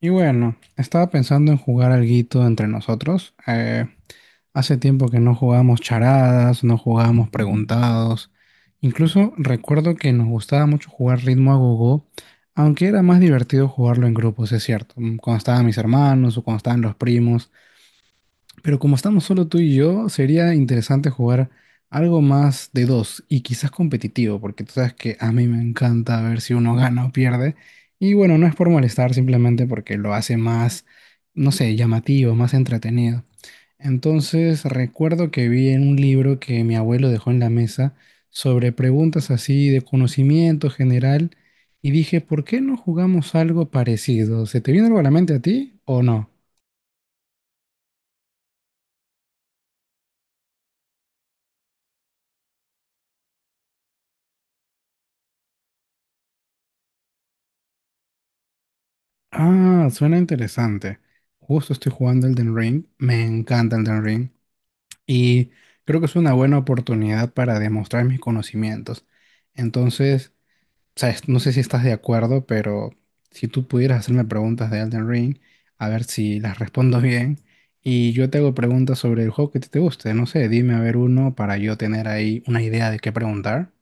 Y bueno, estaba pensando en jugar alguito entre nosotros. Hace tiempo que no jugábamos charadas, no jugábamos preguntados. Incluso recuerdo que nos gustaba mucho jugar ritmo a gogo, aunque era más divertido jugarlo en grupos, es cierto. Cuando estaban mis hermanos o cuando estaban los primos, pero como estamos solo tú y yo, sería interesante jugar algo más de dos y quizás competitivo, porque tú sabes que a mí me encanta ver si uno gana o pierde. Y bueno, no es por molestar, simplemente porque lo hace más, no sé, llamativo, más entretenido. Entonces, recuerdo que vi en un libro que mi abuelo dejó en la mesa sobre preguntas así de conocimiento general y dije, ¿por qué no jugamos algo parecido? ¿Se te viene algo a la mente a ti o no? Ah, suena interesante. Justo estoy jugando Elden Ring. Me encanta Elden Ring. Y creo que es una buena oportunidad para demostrar mis conocimientos. Entonces, sabes, no sé si estás de acuerdo, pero si tú pudieras hacerme preguntas de Elden Ring, a ver si las respondo bien. Y yo te hago preguntas sobre el juego que te guste. No sé, dime a ver uno para yo tener ahí una idea de qué preguntar.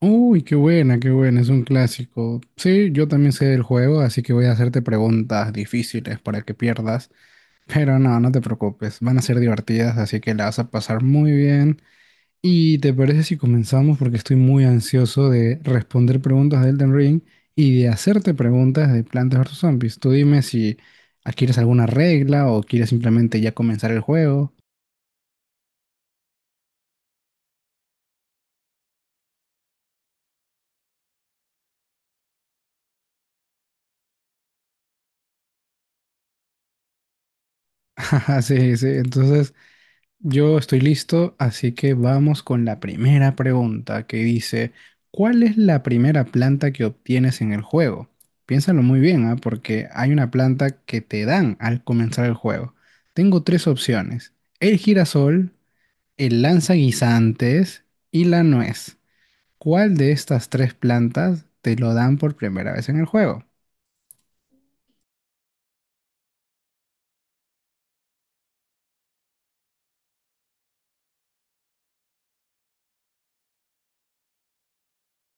Uy, qué buena, es un clásico. Sí, yo también sé del juego, así que voy a hacerte preguntas difíciles para que pierdas, pero no, no te preocupes, van a ser divertidas, así que la vas a pasar muy bien. ¿Y te parece si comenzamos? Porque estoy muy ansioso de responder preguntas de Elden Ring y de hacerte preguntas de Plantas vs Zombies. Tú dime si adquieres alguna regla o quieres simplemente ya comenzar el juego. Sí, sí, entonces... Yo estoy listo, así que vamos con la primera pregunta que dice, ¿cuál es la primera planta que obtienes en el juego? Piénsalo muy bien, ¿ah? Porque hay una planta que te dan al comenzar el juego. Tengo tres opciones, el girasol, el lanzaguisantes y la nuez. ¿Cuál de estas tres plantas te lo dan por primera vez en el juego?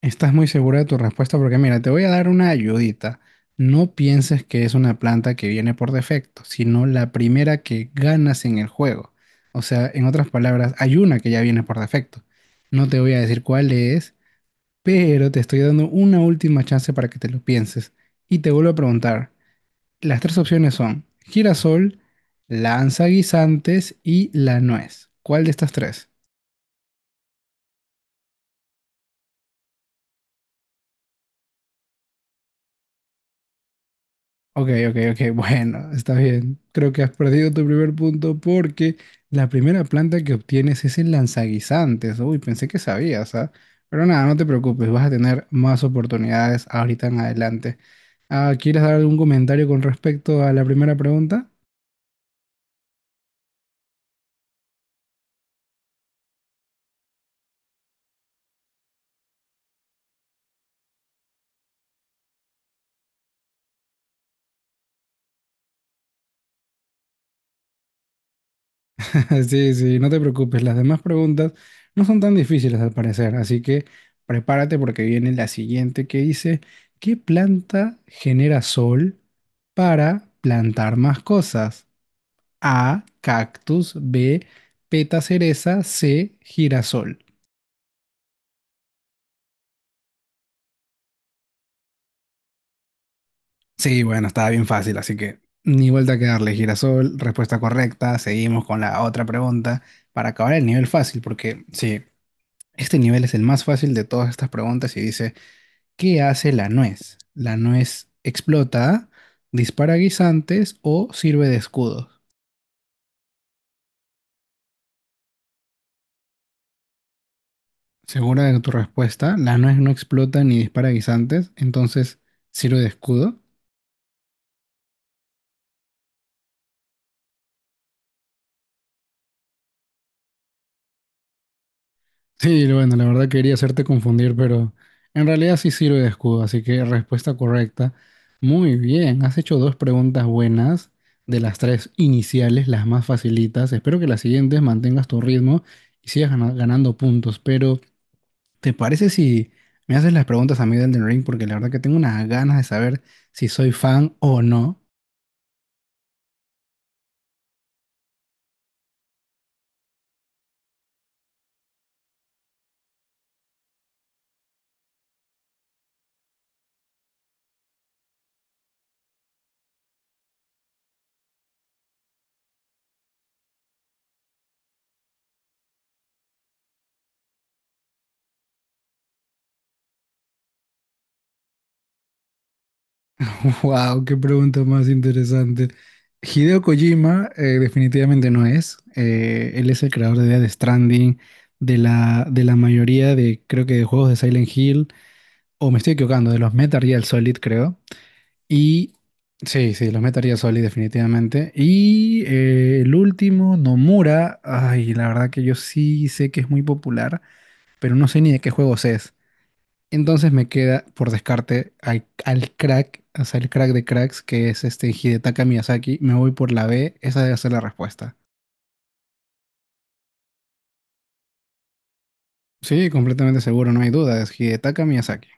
Estás muy segura de tu respuesta porque mira, te voy a dar una ayudita. No pienses que es una planta que viene por defecto, sino la primera que ganas en el juego. O sea, en otras palabras, hay una que ya viene por defecto. No te voy a decir cuál es, pero te estoy dando una última chance para que te lo pienses. Y te vuelvo a preguntar, las tres opciones son girasol, lanza guisantes y la nuez. ¿Cuál de estas tres? Ok, ok, ok, bueno, está bien. Creo que has perdido tu primer punto porque la primera planta que obtienes es el lanzaguisantes. Uy, pensé que sabías, ¿ah? Pero nada, no te preocupes, vas a tener más oportunidades ahorita en adelante. Ah, ¿quieres dar algún comentario con respecto a la primera pregunta? Sí, sí, no te preocupes, las demás preguntas no son tan difíciles al parecer, así que prepárate porque viene la siguiente que dice, ¿qué planta genera sol para plantar más cosas? A, cactus, B, peta cereza, C, girasol. Sí, bueno, estaba bien fácil, así que ni vuelta que darle girasol, respuesta correcta. Seguimos con la otra pregunta para acabar el nivel fácil, porque sí, este nivel es el más fácil de todas estas preguntas y dice, ¿qué hace la nuez? ¿La nuez explota, dispara guisantes o sirve de escudo? Segura de tu respuesta, la nuez no explota ni dispara guisantes, entonces sirve de escudo. Sí, bueno, la verdad quería hacerte confundir, pero en realidad sí sirve de escudo, así que respuesta correcta. Muy bien, has hecho dos preguntas buenas de las tres iniciales, las más facilitas. Espero que las siguientes mantengas tu ritmo y sigas ganando puntos, pero ¿te parece si me haces las preguntas a mí del Elden Ring? Porque la verdad que tengo unas ganas de saber si soy fan o no. Wow, qué pregunta más interesante. Hideo Kojima definitivamente no es. Él es el creador de Death Stranding, de la mayoría de, creo que de juegos de Silent Hill, o me estoy equivocando, de los Metal Gear Solid, creo. Y sí, sí, los Metal Gear Solid definitivamente. Y el último, Nomura, ay, la verdad que yo sí sé que es muy popular, pero no sé ni de qué juegos es. Entonces me queda por descarte al crack, o sea, el crack de cracks, que es este Hidetaka Miyazaki. Me voy por la B, esa debe ser la respuesta. Sí, completamente seguro, no hay duda, es Hidetaka Miyazaki.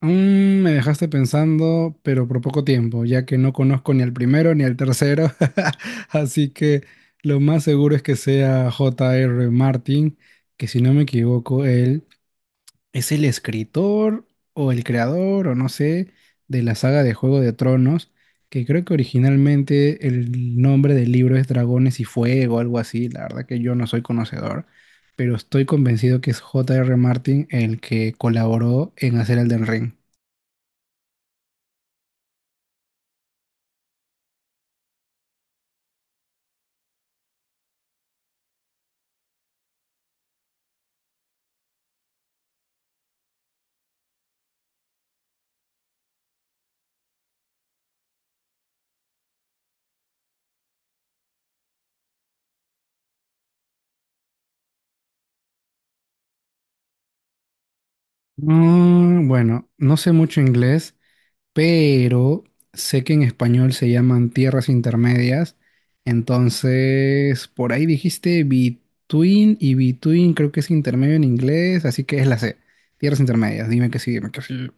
Mm, me dejaste pensando, pero por poco tiempo, ya que no conozco ni al primero ni al tercero. Así que lo más seguro es que sea J.R. Martin, que si no me equivoco, él es el escritor o el creador o no sé de la saga de Juego de Tronos, que creo que originalmente el nombre del libro es Dragones y Fuego, algo así. La verdad que yo no soy conocedor, pero estoy convencido que es J. R. Martin el que colaboró en hacer Elden Ring. Mm, bueno, no sé mucho inglés. Pero sé que en español se llaman tierras intermedias. Entonces, por ahí dijiste between y between creo que es intermedio en inglés, así que es la C. Tierras intermedias, dime que sí, dime que sí.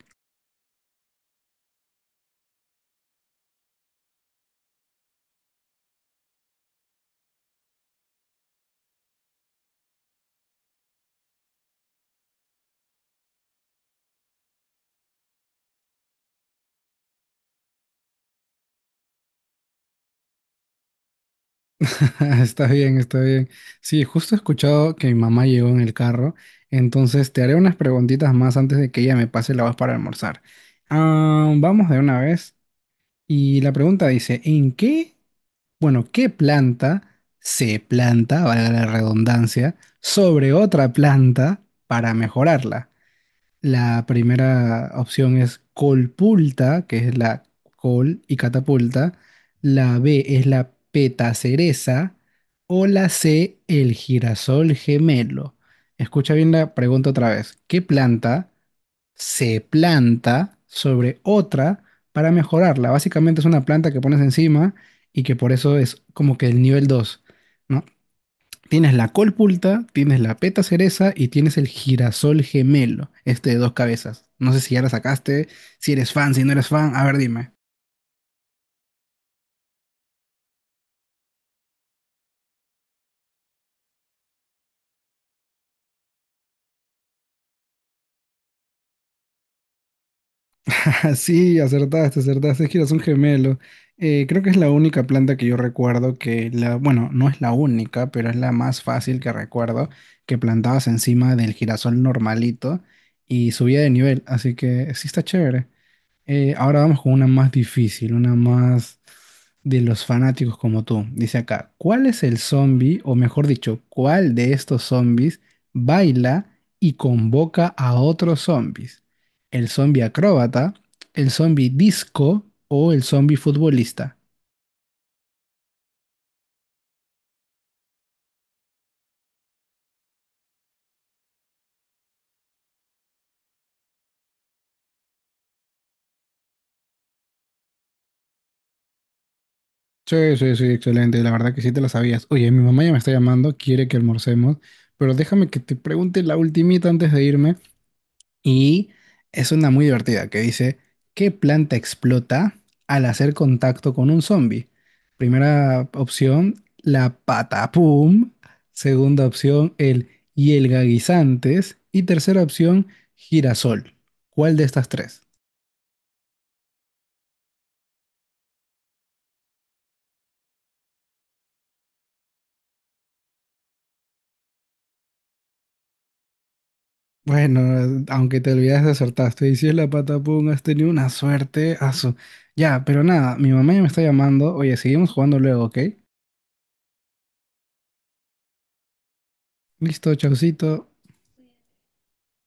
Está bien, está bien. Sí, justo he escuchado que mi mamá llegó en el carro, entonces te haré unas preguntitas más antes de que ella me pase la voz para almorzar. Ah, vamos de una vez. Y la pregunta dice, ¿en qué, bueno, qué planta se planta, valga la redundancia, sobre otra planta para mejorarla? La primera opción es colpulta, que es la col y catapulta. La B es la petacereza. O la C, el girasol gemelo. Escucha bien la pregunta otra vez. ¿Qué planta se planta sobre otra para mejorarla? Básicamente es una planta que pones encima y que por eso es como que el nivel dos, ¿no? Tienes la colpulta, tienes la peta cereza y tienes el girasol gemelo, este de dos cabezas. No sé si ya la sacaste, si eres fan, si no eres fan, a ver, dime. Sí, acertaste, acertaste. Es que eras un gemelo. Creo que es la única planta que yo recuerdo que la, bueno, no es la única, pero es la más fácil que recuerdo que plantabas encima del girasol normalito y subía de nivel. Así que sí está chévere. Ahora vamos con una más difícil, una más de los fanáticos como tú. Dice acá, ¿cuál es el zombie, o mejor dicho, cuál de estos zombies baila y convoca a otros zombies? ¿El zombie acróbata, el zombie disco o el zombie futbolista? Sí, sí, sí, excelente. La verdad que sí te la sabías. Oye, mi mamá ya me está llamando, quiere que almorcemos, pero déjame que te pregunte la ultimita antes de irme. Y es una muy divertida que dice, ¿qué planta explota al hacer contacto con un zombie? Primera opción, la patapum. Segunda opción, el hielga guisantes. Y tercera opción, girasol. ¿Cuál de estas tres? Bueno, aunque te olvidaste, acertaste. Y si es la patapum, has tenido una suerte. Asu. Ya, pero nada, mi mamá ya me está llamando. Oye, seguimos jugando luego, ¿ok? Listo, chaucito.